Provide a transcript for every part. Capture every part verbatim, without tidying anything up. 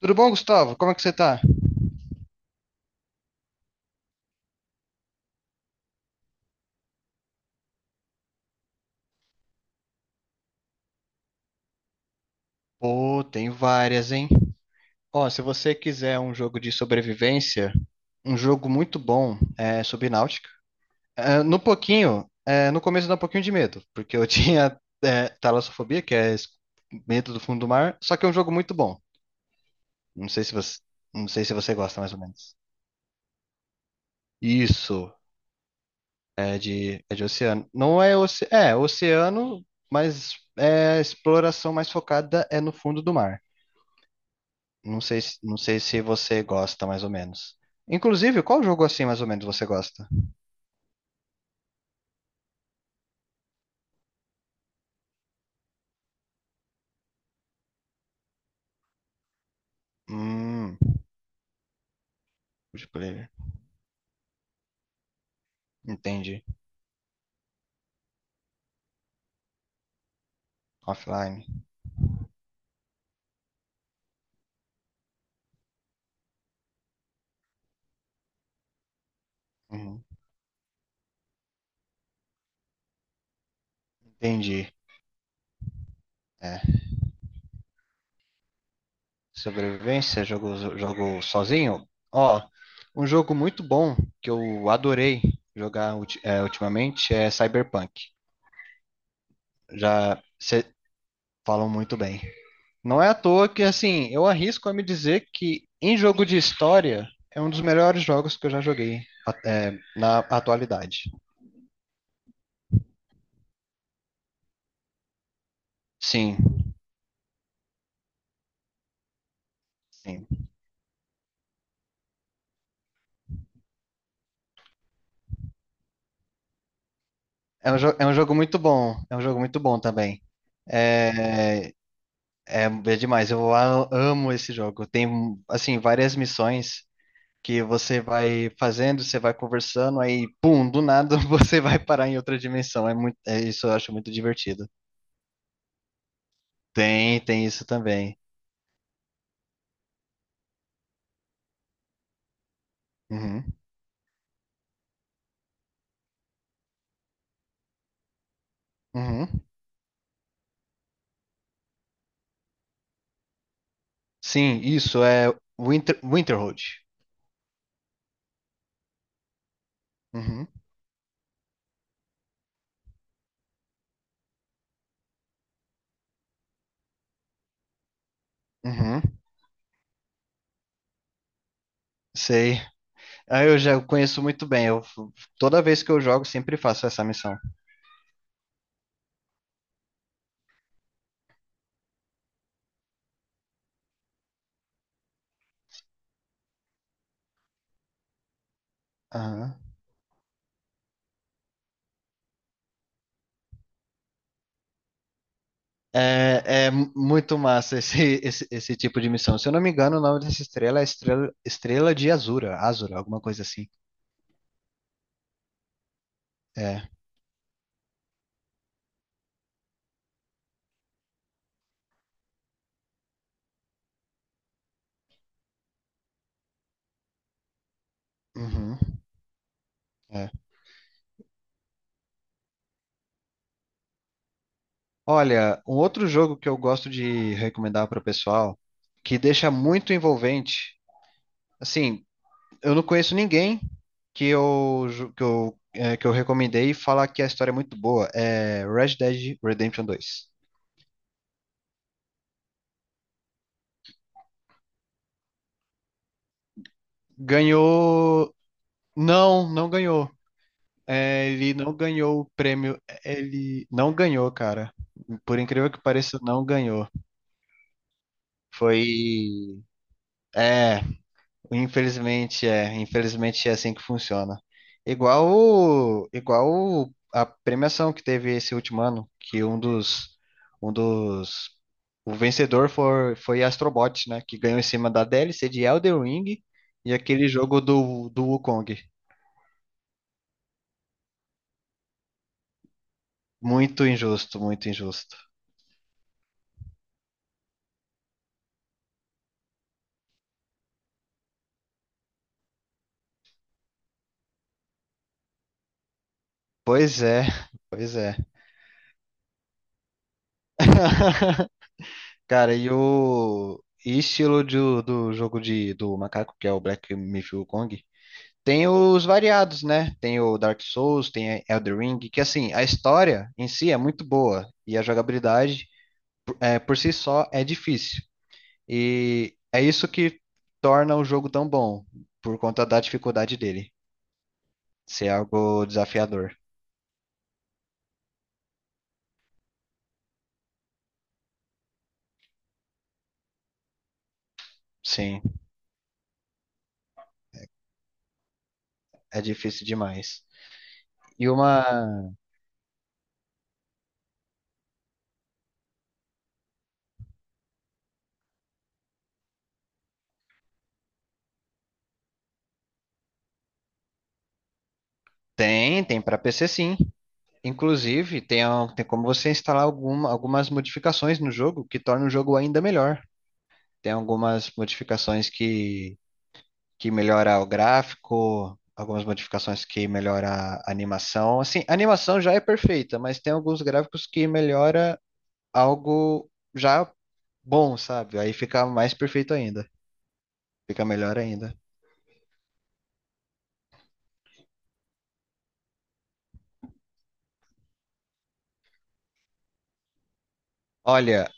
Tudo bom, Gustavo? Como é que você tá? Pô, tem várias, hein? Ó, se você quiser um jogo de sobrevivência, um jogo muito bom é Subnáutica. É, no pouquinho, é, no começo dá um pouquinho de medo, porque eu tinha é, talassofobia, que é es- medo do fundo do mar, só que é um jogo muito bom. Não sei se você, não sei se você gosta mais ou menos. Isso, é de, é de oceano. Não é, oce, É oceano, mas é, a exploração mais focada é no fundo do mar. Não sei, se- não sei se você gosta mais ou menos. Inclusive, qual jogo assim mais ou menos você gosta? Hum, multiplayer. Entendi. Offline. Uhum. Entendi. É. Sobrevivência, jogo, jogo sozinho? Ó, um jogo muito bom que eu adorei jogar ulti- é, ultimamente é Cyberpunk. Já cê- Falam muito bem. Não é à toa que, assim, eu arrisco a me dizer que em jogo de história é um dos melhores jogos que eu já joguei a- é, na atualidade. Sim, sim. É um, jo- é um jogo muito bom. É um jogo muito bom também. É, é, é demais. Eu a- amo esse jogo. Tem, assim, várias missões que você vai fazendo, você vai conversando, aí, pum, do nada você vai parar em outra dimensão. É muito, é, isso eu acho muito divertido. Tem, tem isso também. Uhum, uhum. Sim, isso é Winter, Winterhold. Uhum, uhum, sei. Ah, eu já conheço muito bem. Eu, toda vez que eu jogo, sempre faço essa missão. Aham. É, é muito massa esse, esse, esse tipo de missão. Se eu não me engano, o nome dessa estrela é Estrela, Estrela de Azura, Azura, alguma coisa assim. É. Uhum, é. Olha, um outro jogo que eu gosto de recomendar para o pessoal, que deixa muito envolvente. Assim, eu não conheço ninguém que eu, ju- que eu, é, que eu recomendei e falar que a história é muito boa. É Red Dead Redemption dois. Ganhou. Não, não ganhou. É, ele não ganhou o prêmio. Ele não ganhou, cara. Por incrível que pareça, não ganhou. Foi. É. Infelizmente é, infelizmente é assim que funciona. Igual, o- igual o- a premiação que teve esse último ano, que um dos, um dos, o vencedor foi, foi Astrobot, né, que ganhou em cima da D L C de Elden Ring e aquele jogo do, do Wukong. Muito injusto, muito injusto. Pois é, pois é. Cara, e o e estilo de- do jogo de, do macaco, que é o Black Myth Wukong? Tem os variados, né? Tem o Dark Souls, tem Elden Ring, que assim, a história em si é muito boa e a jogabilidade por- é, por si só é difícil. E é isso que torna o jogo tão bom, por conta da dificuldade dele, ser algo desafiador. Sim, é difícil demais. E uma. Tem, tem para P C sim. Inclusive, tem, a- tem como você instalar alguma, algumas modificações no jogo que tornam o jogo ainda melhor. Tem algumas modificações que que melhora o gráfico, algumas modificações que melhora a animação. Assim, a animação já é perfeita, mas tem alguns gráficos que melhora algo já bom, sabe? Aí fica mais perfeito ainda, fica melhor ainda. Olha,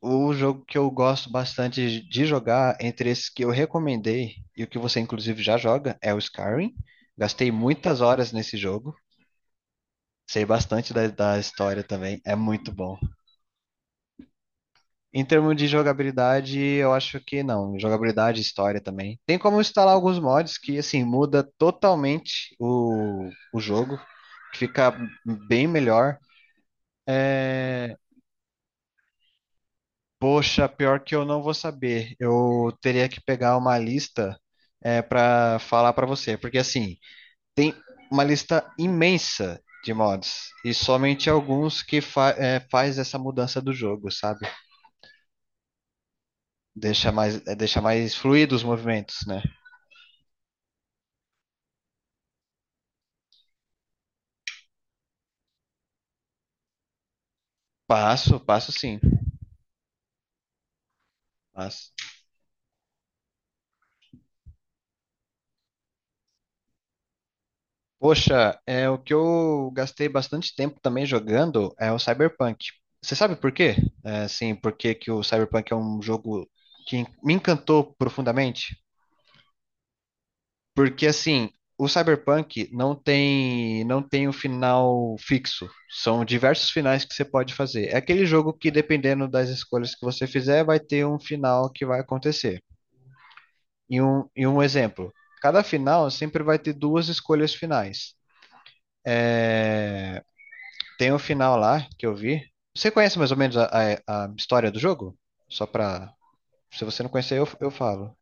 o jogo que eu gosto bastante de jogar, entre esses que eu recomendei e o que você inclusive já joga, é o Skyrim. Gastei muitas horas nesse jogo. Sei bastante da, da história também, é muito bom. Em termos de jogabilidade, eu acho que não. Jogabilidade, e história também. Tem como instalar alguns mods que, assim, muda totalmente o, o jogo, que fica bem melhor. É, Poxa, pior que eu não vou saber. Eu teria que pegar uma lista é, para falar para você, porque, assim, tem uma lista imensa de mods e somente alguns que fa é, faz essa mudança do jogo, sabe? Deixa mais, é, deixa mais fluido os movimentos, né? Passo, passo sim. Passo. Poxa, é o que eu gastei bastante tempo também jogando é o Cyberpunk. Você sabe por quê? É, assim, por que que o Cyberpunk é um jogo que en- me encantou profundamente? Porque assim, o Cyberpunk não tem não tem um final fixo. São diversos finais que você pode fazer. É aquele jogo que dependendo das escolhas que você fizer, vai ter um final que vai acontecer. E um, e um exemplo. Cada final sempre vai ter duas escolhas finais. Tem um final lá que eu vi. Você conhece mais ou menos a, a- a história do jogo? Só pra. Se você não conhecer, eu, eu falo.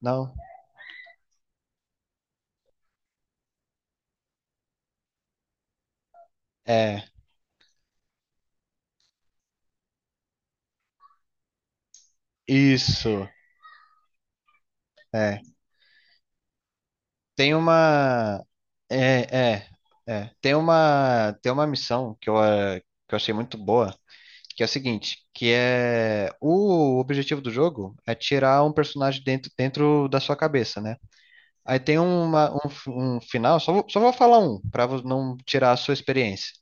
Não? É. Isso. É. Tem uma. É, é, é. Tem uma, tem uma missão que eu, eh, que eu achei muito boa, que é o seguinte, que é o objetivo do jogo é tirar um personagem dentro, dentro da sua cabeça, né? Aí tem uma, um, f- um final, só vou, só vou falar um, pra vo- não tirar a sua experiência.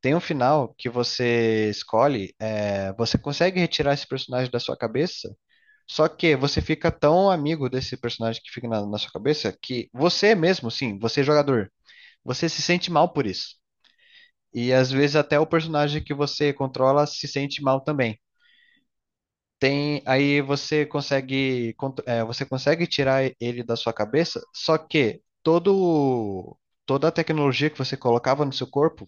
Tem um final que você escolhe, é, você consegue retirar esse personagem da sua cabeça, só que você fica tão amigo desse personagem que fica na, na sua cabeça que você mesmo, sim, você é jogador, você se sente mal por isso. E às vezes até o personagem que você controla se sente mal também. Tem, aí você consegue, cont- é, você consegue tirar ele da sua cabeça, só que todo, toda a tecnologia que você colocava no seu corpo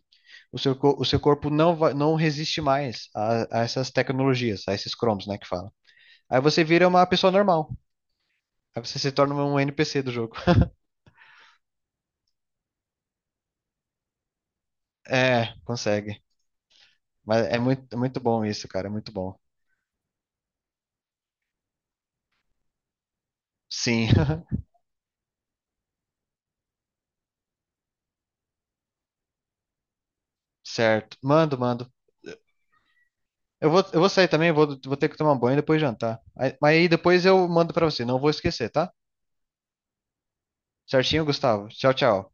o seu, co- o seu corpo não vai, não resiste mais a, a essas tecnologias, a esses cromos, né, que fala. Aí você vira uma pessoa normal. Aí você se torna um N P C do jogo. É, consegue. Mas é muito, é muito bom isso, cara, é muito bom. Sim, certo. Mando, mando. Eu vou, eu vou sair também, vou, vou ter que tomar um banho e depois jantar. Aí- Mas aí depois eu mando pra você, não vou esquecer, tá? Certinho, Gustavo? Tchau, tchau.